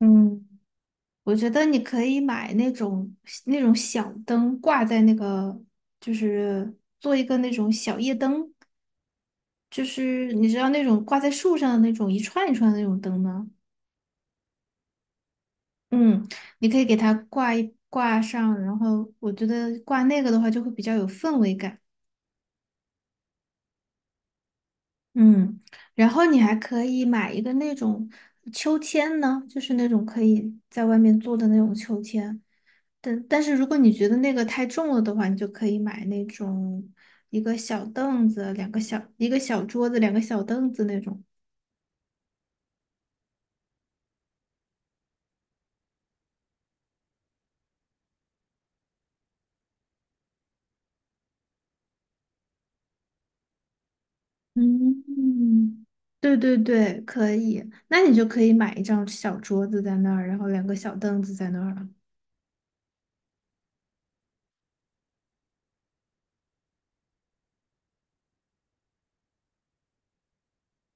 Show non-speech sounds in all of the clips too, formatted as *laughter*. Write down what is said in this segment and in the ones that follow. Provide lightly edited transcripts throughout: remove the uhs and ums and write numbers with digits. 嗯，我觉得你可以买那种小灯，挂在那个，就是做一个那种小夜灯，就是你知道那种挂在树上的那种一串一串的那种灯吗？嗯，你可以给它挂一挂上，然后我觉得挂那个的话就会比较有氛围感。嗯，然后你还可以买一个那种秋千呢，就是那种可以在外面做的那种秋千。但是如果你觉得那个太重了的话，你就可以买那种一个小桌子、两个小凳子那种。嗯，对对对，可以。那你就可以买一张小桌子在那儿，然后两个小凳子在那儿了。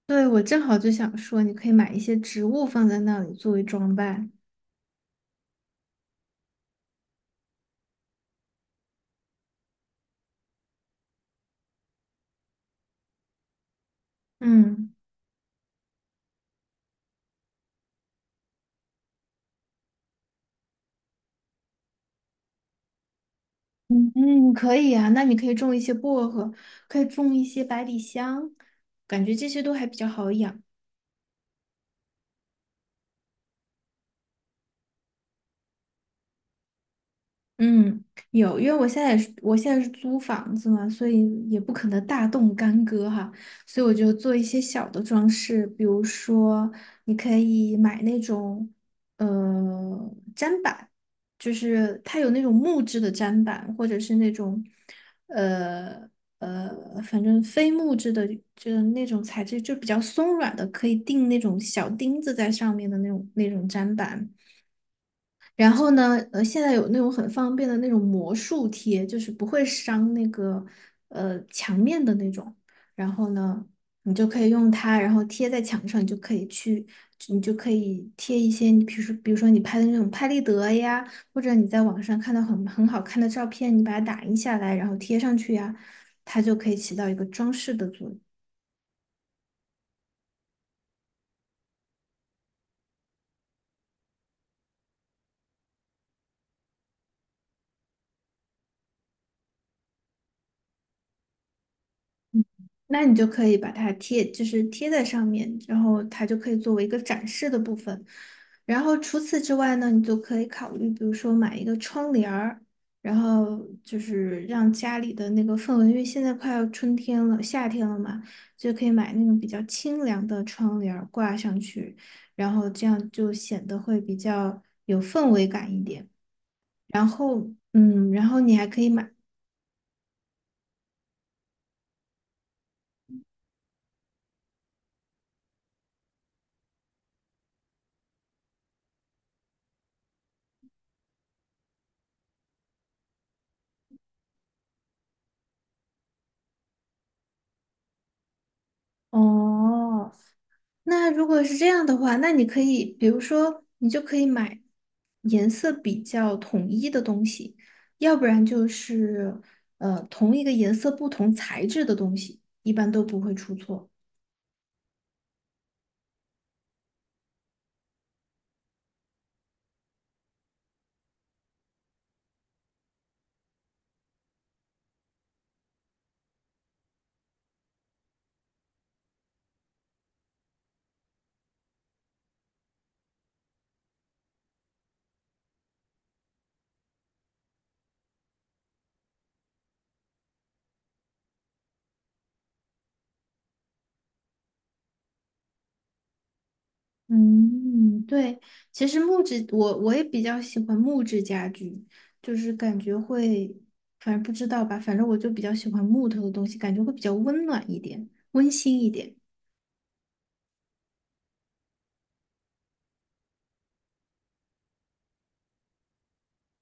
对，我正好就想说，你可以买一些植物放在那里作为装扮。嗯嗯，嗯，可以啊。那你可以种一些薄荷，可以种一些百里香，感觉这些都还比较好养。嗯，有，因为我现在也是，我现在是租房子嘛，所以也不可能大动干戈哈，所以我就做一些小的装饰，比如说你可以买那种呃砧板，就是它有那种木质的砧板，或者是那种呃反正非木质的，就是那种材质就比较松软的，可以钉那种小钉子在上面的那种砧板。然后呢，现在有那种很方便的那种魔术贴，就是不会伤那个呃墙面的那种。然后呢，你就可以用它，然后贴在墙上，你就可以贴一些你比如说你拍的那种拍立得呀，或者你在网上看到很好看的照片，你把它打印下来，然后贴上去呀，它就可以起到一个装饰的作用。那你就可以把它就是贴在上面，然后它就可以作为一个展示的部分。然后除此之外呢，你就可以考虑，比如说买一个窗帘儿，然后就是让家里的那个氛围，因为现在快要春天了，夏天了嘛，就可以买那种比较清凉的窗帘儿挂上去，然后这样就显得会比较有氛围感一点。然后，嗯，然后你还可以买。哦，那如果是这样的话，那你可以，比如说，你就可以买颜色比较统一的东西，要不然就是同一个颜色不同材质的东西，一般都不会出错。嗯，对，其实木质我也比较喜欢木质家具，就是感觉会，反正不知道吧，反正我就比较喜欢木头的东西，感觉会比较温暖一点，温馨一点。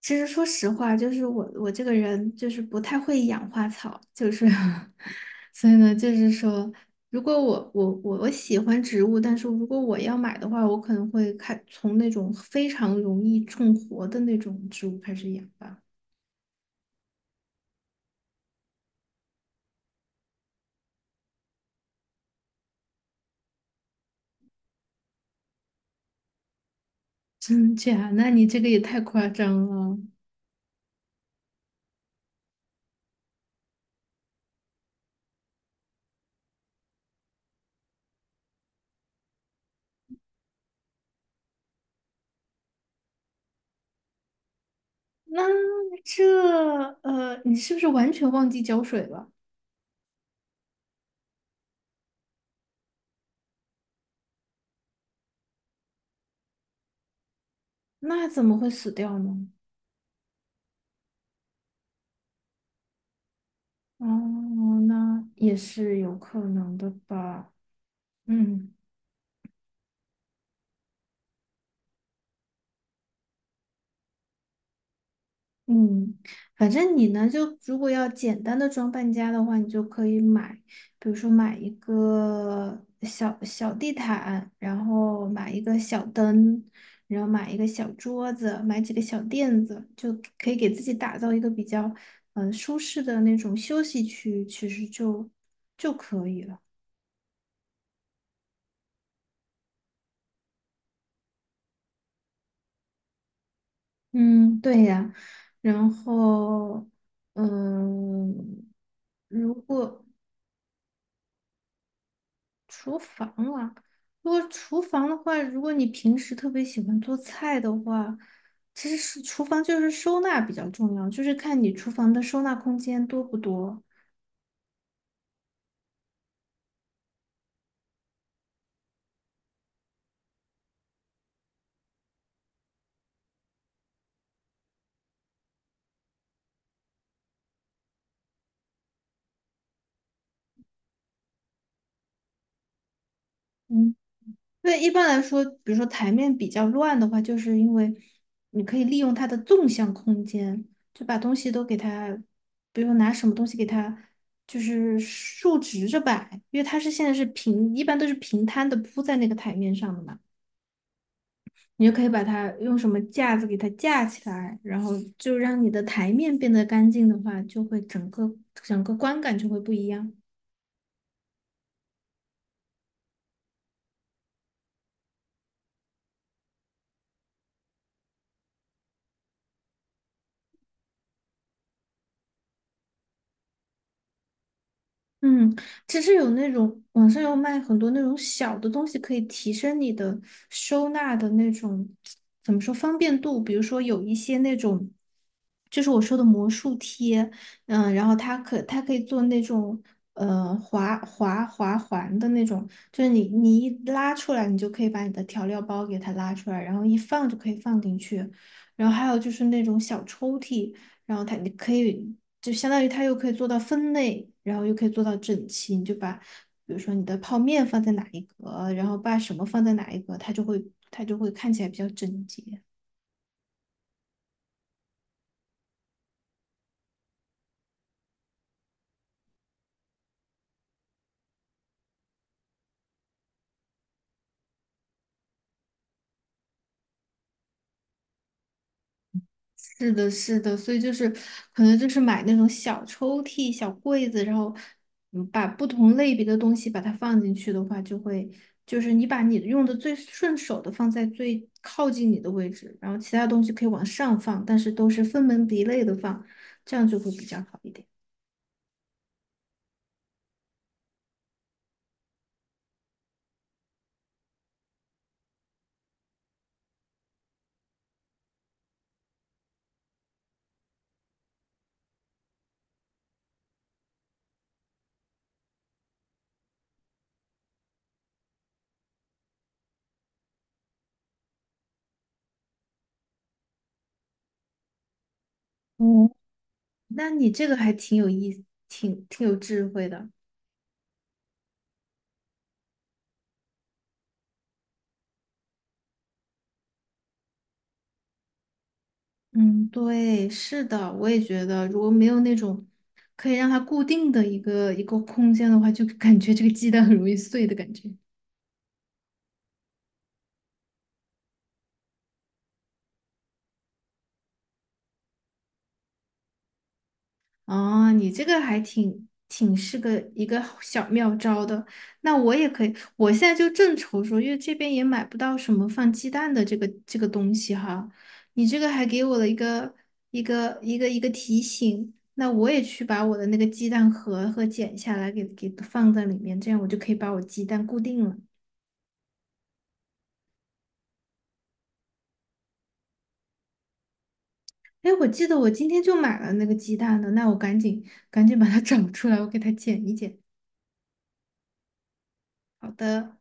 其实说实话，就是我这个人就是不太会养花草，就是 *laughs* 所以呢，就是说，如果我喜欢植物，但是如果我要买的话，我可能会开从那种非常容易种活的那种植物开始养吧。真假？那你这个也太夸张了。那呃，你是不是完全忘记浇水了？那怎么会死掉呢？哦，那也是有可能的吧。嗯。嗯，反正你呢，就如果要简单的装扮家的话，你就可以买，比如说买一个小小地毯，然后买一个小灯，然后买一个小桌子，买几个小垫子，就可以给自己打造一个比较舒适的那种休息区，其实就就可以了。嗯，对呀，然后嗯。如果厨房啊，如果厨房的话，如果你平时特别喜欢做菜的话，其实是厨房就是收纳比较重要，就是看你厨房的收纳空间多不多。嗯，对，一般来说，比如说台面比较乱的话，就是因为你可以利用它的纵向空间，就把东西都给它，比如说拿什么东西给它，就是竖直着摆，因为它是现在是平，一般都是平摊的铺在那个台面上的嘛。你就可以把它用什么架子给它架起来，然后就让你的台面变得干净的话，就会整个观感就会不一样。嗯，其实有那种网上有卖很多那种小的东西，可以提升你的收纳的那种，怎么说方便度？比如说有一些那种，就是我说的魔术贴，嗯，然后它可以做那种呃滑环的那种，就是你一拉出来，你就可以把你的调料包给它拉出来，然后一放就可以放进去。然后还有就是那种小抽屉，然后它你可以。就相当于它又可以做到分类，然后又可以做到整齐。你就把，比如说你的泡面放在哪一格，然后把什么放在哪一格，它就会看起来比较整洁。是的，是的，所以就是可能就是买那种小抽屉、小柜子，然后嗯把不同类别的东西把它放进去的话，就会就是你把你用的最顺手的放在最靠近你的位置，然后其他东西可以往上放，但是都是分门别类的放，这样就会比较好一点。嗯。那你这个还挺有智慧的。嗯，对，是的，我也觉得，如果没有那种可以让它固定的一个空间的话，就感觉这个鸡蛋很容易碎的感觉。哦，你这个还挺是个一个小妙招的。那我也可以，我现在就正愁说，因为这边也买不到什么放鸡蛋的这个东西哈。你这个还给我了一个提醒，那我也去把我的那个鸡蛋盒和剪下来给给放在里面，这样我就可以把我鸡蛋固定了。哎，我记得我今天就买了那个鸡蛋的，那我赶紧把它 *laughs* 找出来，我给它剪一剪。好的。